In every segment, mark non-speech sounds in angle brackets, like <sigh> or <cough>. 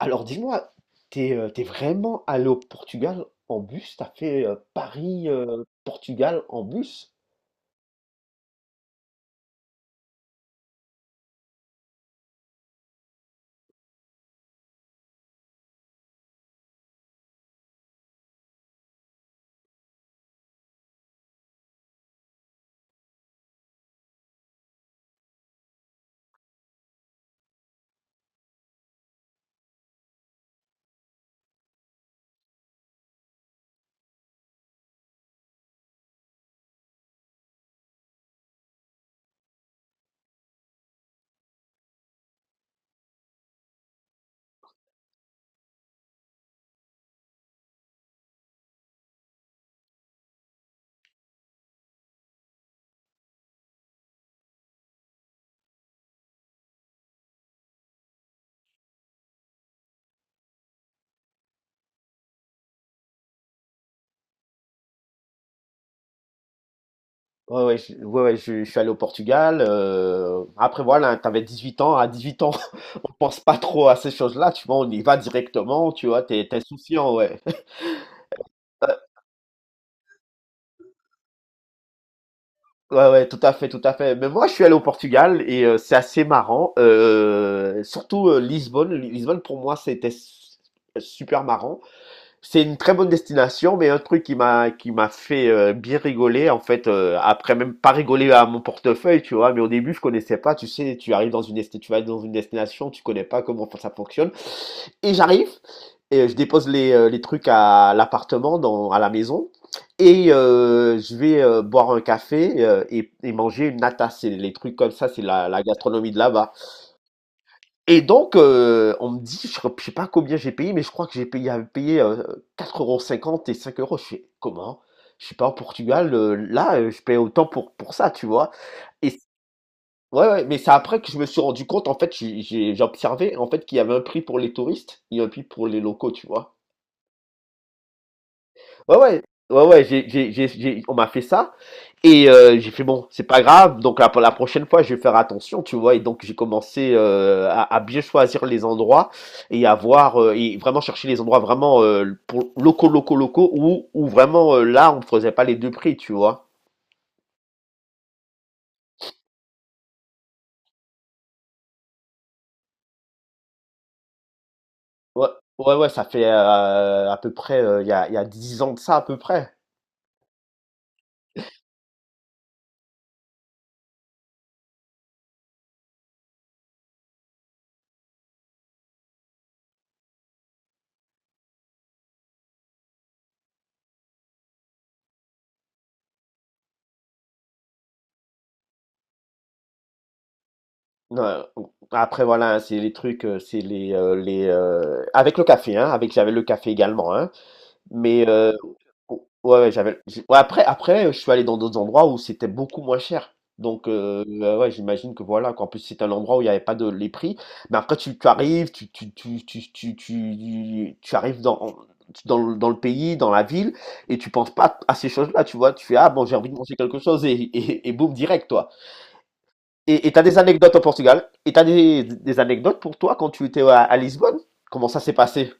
Alors dis-moi, t'es vraiment allé au Portugal en bus? T'as fait Paris, Portugal en bus? Ouais, je suis allé au Portugal. Après, voilà, t'avais 18 ans. À 18 ans, <laughs> on pense pas trop à ces choses-là. Tu vois, on y va directement. Tu vois, t'es insouciant, ouais. <laughs> Ouais, ouais, tout à fait, tout à fait. Mais moi, je suis allé au Portugal et c'est assez marrant. Surtout Lisbonne. Lisbonne, pour moi, c'était super marrant. C'est une très bonne destination, mais un truc qui m'a fait bien rigoler, en fait, après même pas rigoler à mon portefeuille, tu vois, mais au début je connaissais pas, tu sais, tu vas dans une destination, tu connais pas comment ça fonctionne, et j'arrive et je dépose les trucs à l'appartement, dans à la maison, et je vais boire un café et manger une nata, c'est les trucs comme ça, c'est la gastronomie de là-bas. Et donc, on me dit, je crois sais pas combien j'ai payé, mais je crois que j'avais payé, 4,50 € et 5 €. Je fais: «Comment? Je suis pas au Portugal, là, je paye autant pour ça», tu vois? Et c Ouais, ouais, mais c'est après que je me suis rendu compte, en fait, j'ai observé, en fait, qu'il y avait un prix pour les touristes et un prix pour les locaux, tu vois? Ouais, ouais, ouais, ouais, j'ai on m'a fait ça. Et j'ai fait bon, c'est pas grave. Donc la prochaine fois, je vais faire attention, tu vois. Et donc j'ai commencé à bien choisir les endroits et à voir et vraiment chercher les endroits vraiment pour locaux, locaux, locaux où vraiment là on ne faisait pas les deux prix, tu vois. Ouais, ouais, ouais, ça fait à peu près il y a 10 ans de ça à peu près. Ouais. Après voilà, hein, c'est les trucs, c'est les avec le café, hein, avec j'avais le café également, hein. Mais ouais, ouais, j'avais. Ouais, après, je suis allé dans d'autres endroits où c'était beaucoup moins cher. Donc, ouais, j'imagine que voilà, qu'en plus, c'est un endroit où il n'y avait pas de les prix. Mais après, tu arrives, tu arrives dans, dans le pays, dans la ville, et tu penses pas à ces choses-là, tu vois. Tu fais, ah bon, j'ai envie de manger quelque chose, et boum, direct, toi. Et t'as des anecdotes au Portugal? Et t'as des anecdotes pour toi quand tu étais à Lisbonne? Comment ça s'est passé?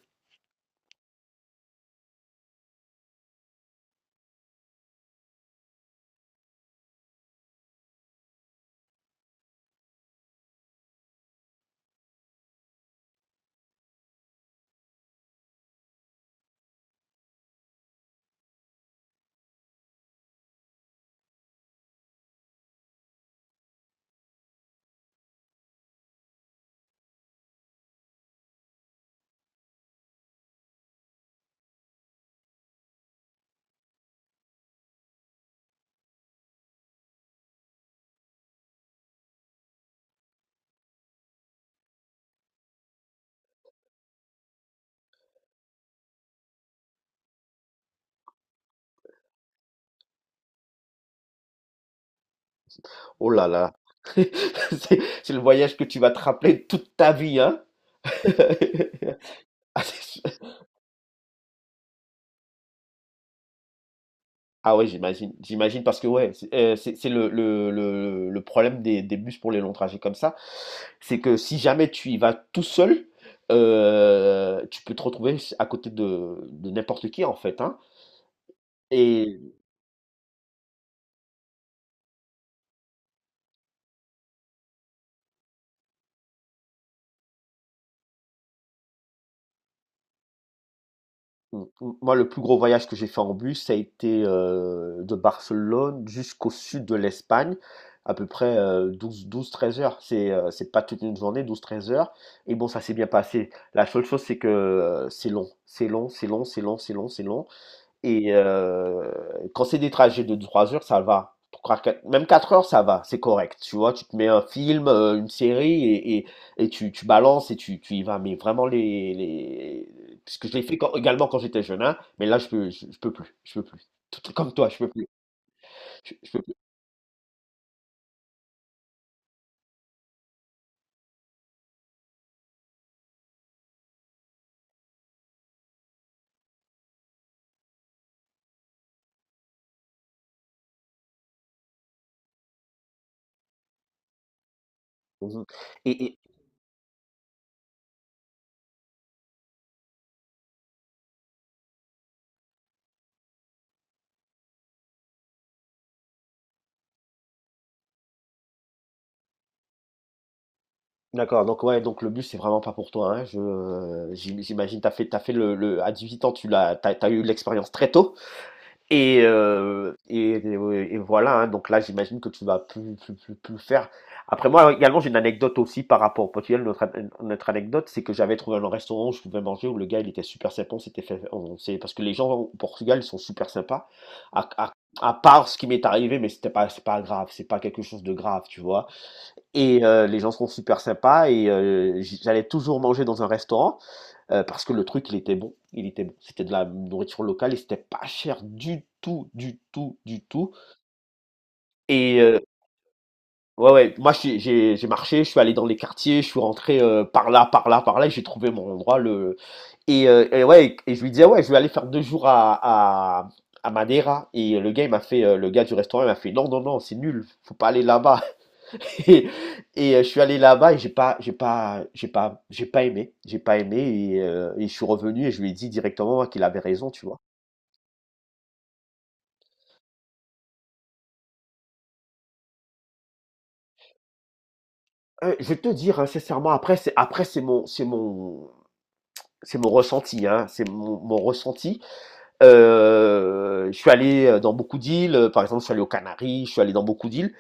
Oh là là, <laughs> c'est le voyage que tu vas te rappeler toute ta vie, hein? <laughs> Ah, c'est Ah ouais, j'imagine, j'imagine parce que ouais, c'est c'est le problème des bus pour les longs trajets comme ça, c'est que si jamais tu y vas tout seul, tu peux te retrouver à côté de n'importe qui en fait, hein? Et Moi, le plus gros voyage que j'ai fait en bus, ça a été de Barcelone jusqu'au sud de l'Espagne, à peu près 12, 13 heures. C'est pas toute une journée, 12, 13 heures. Et bon, ça s'est bien passé. La seule chose, c'est que c'est long. C'est long, c'est long, c'est long, c'est long, c'est long. Et quand c'est des trajets de 3 heures, ça va. Même 4 heures, ça va, c'est correct. Tu vois, tu te mets un film, une série et tu balances et tu y vas. Mais vraiment, les... puisque je l'ai fait également quand j'étais jeune, hein, mais là, je peux plus. Je peux plus. Tout comme toi, je peux plus. Je peux plus. Mhm. Et, et- d'accord, donc ouais, donc le bus, c'est vraiment pas pour toi. Hein, j'imagine, t'as fait à 18 ans, t'as eu l'expérience très tôt. Et, et voilà, hein. Donc là, j'imagine que tu vas plus le faire. Après, moi, également, j'ai une anecdote aussi par rapport au Portugal. Notre anecdote, c'est que j'avais trouvé un restaurant où je pouvais manger, où le gars, il était super sympa. On s'était fait, on s'est- Parce que les gens au Portugal, ils sont super sympas. À, à, à part ce qui m'est arrivé, mais c'est pas grave, c'est pas quelque chose de grave, tu vois. Et les gens sont super sympas et j'allais toujours manger dans un restaurant. Parce que le truc, il était bon. Il était bon. C'était de la nourriture locale et c'était pas cher du tout, du tout, du tout. Et ouais, ouais, moi j'ai marché, je suis allé dans les quartiers, je suis rentré par là, par là, par là, et j'ai trouvé mon endroit. Le... et ouais, et je lui disais, ouais, je vais aller faire 2 jours à Madeira. Et le gars, il m'a fait, le gars du restaurant, il m'a fait, non, non, non, c'est nul, faut pas aller là-bas. <laughs> Et, euh, je suis allé là-bas et j'ai pas aimé et je suis revenu et je lui ai dit directement qu'il avait raison, tu vois. Je vais te dire hein, sincèrement, après c'est mon ressenti, hein, mon, ressenti. Je suis allé dans beaucoup d'îles, par exemple, je suis allé aux Canaries, je suis allé dans beaucoup d'îles,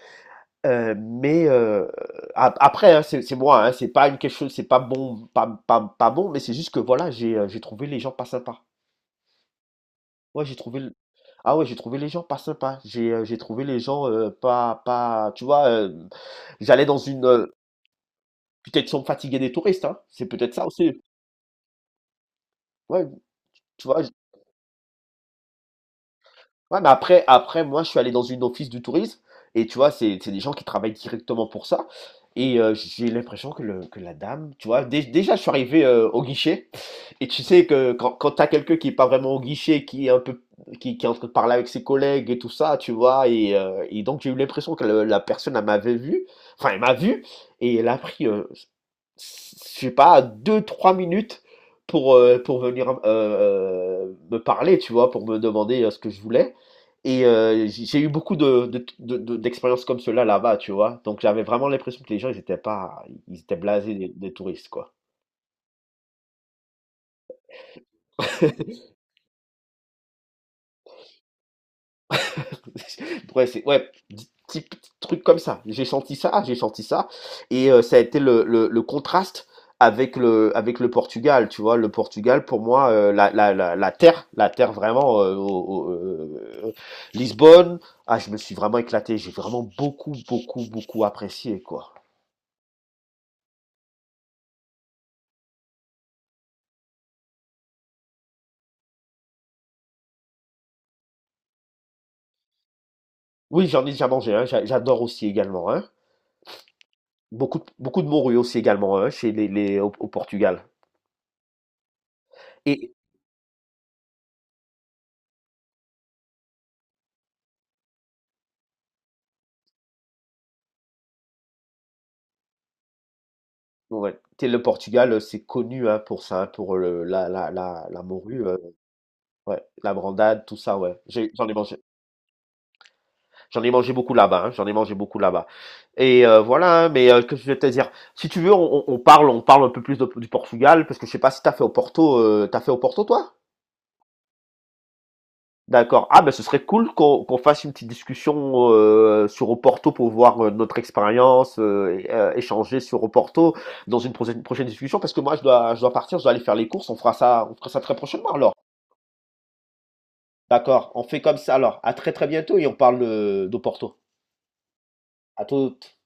mais après, hein, c'est moi, hein, c'est pas une quelque chose, c'est pas bon, pas bon, mais c'est juste que voilà, j'ai trouvé les gens pas sympas. Ouais, j'ai trouvé le... Ah ouais, j'ai trouvé les gens pas sympas. J'ai trouvé les gens pas pas tu vois j'allais dans une peut-être sont fatigués des touristes hein. C'est peut-être ça aussi. Ouais, tu vois, ouais, mais après, moi, je suis allé dans une office du tourisme, et tu vois, c'est des gens qui travaillent directement pour ça. Et j'ai l'impression que, que la dame, tu vois, déjà, je suis arrivé au guichet, et tu sais que quand t'as quelqu'un qui est pas vraiment au guichet, qui est un peu, qui est en train de parler avec ses collègues et tout ça, tu vois, et donc j'ai eu l'impression que la personne, elle m'avait vu, enfin, elle m'a vu, et elle a pris, je sais pas, 2, 3 minutes pour venir me parler, tu vois, pour me demander ce que je voulais. Et j'ai eu beaucoup d'expériences comme cela là-bas, tu vois. Donc j'avais vraiment l'impression que les gens, ils étaient pas, ils étaient blasés des touristes, quoi. <laughs> Ouais, c'est, ouais, petit truc comme ça. J'ai senti ça, j'ai senti ça. Et ça a été le contraste avec avec le Portugal, tu vois. Le Portugal, pour moi, la terre vraiment, au- euh, Lisbonne, ah, je me suis vraiment éclaté. J'ai vraiment beaucoup, beaucoup, beaucoup apprécié, quoi. Oui, j'en ai déjà mangé un. J'adore aussi également un. Beaucoup, beaucoup de morue aussi également un chez au Portugal. Et ouais, t'es le Portugal, c'est connu hein, pour ça, hein, pour le, la morue, ouais, la brandade, tout ça, ouais. J'en ai mangé beaucoup là-bas. Hein, j'en ai mangé beaucoup là-bas. Et voilà. Hein, mais que je vais te dire, si tu veux, on parle un peu plus du Portugal parce que je sais pas si t'as fait au Porto, t'as fait au Porto toi? D'accord. Ah, ben ce serait cool qu'on fasse une petite discussion sur Oporto pour voir notre expérience, échanger sur Oporto dans une prochaine discussion, parce que je dois partir, je dois aller faire les courses, on fera ça très prochainement alors. D'accord, on fait comme ça alors. À très bientôt et on parle d'Oporto. À toutes.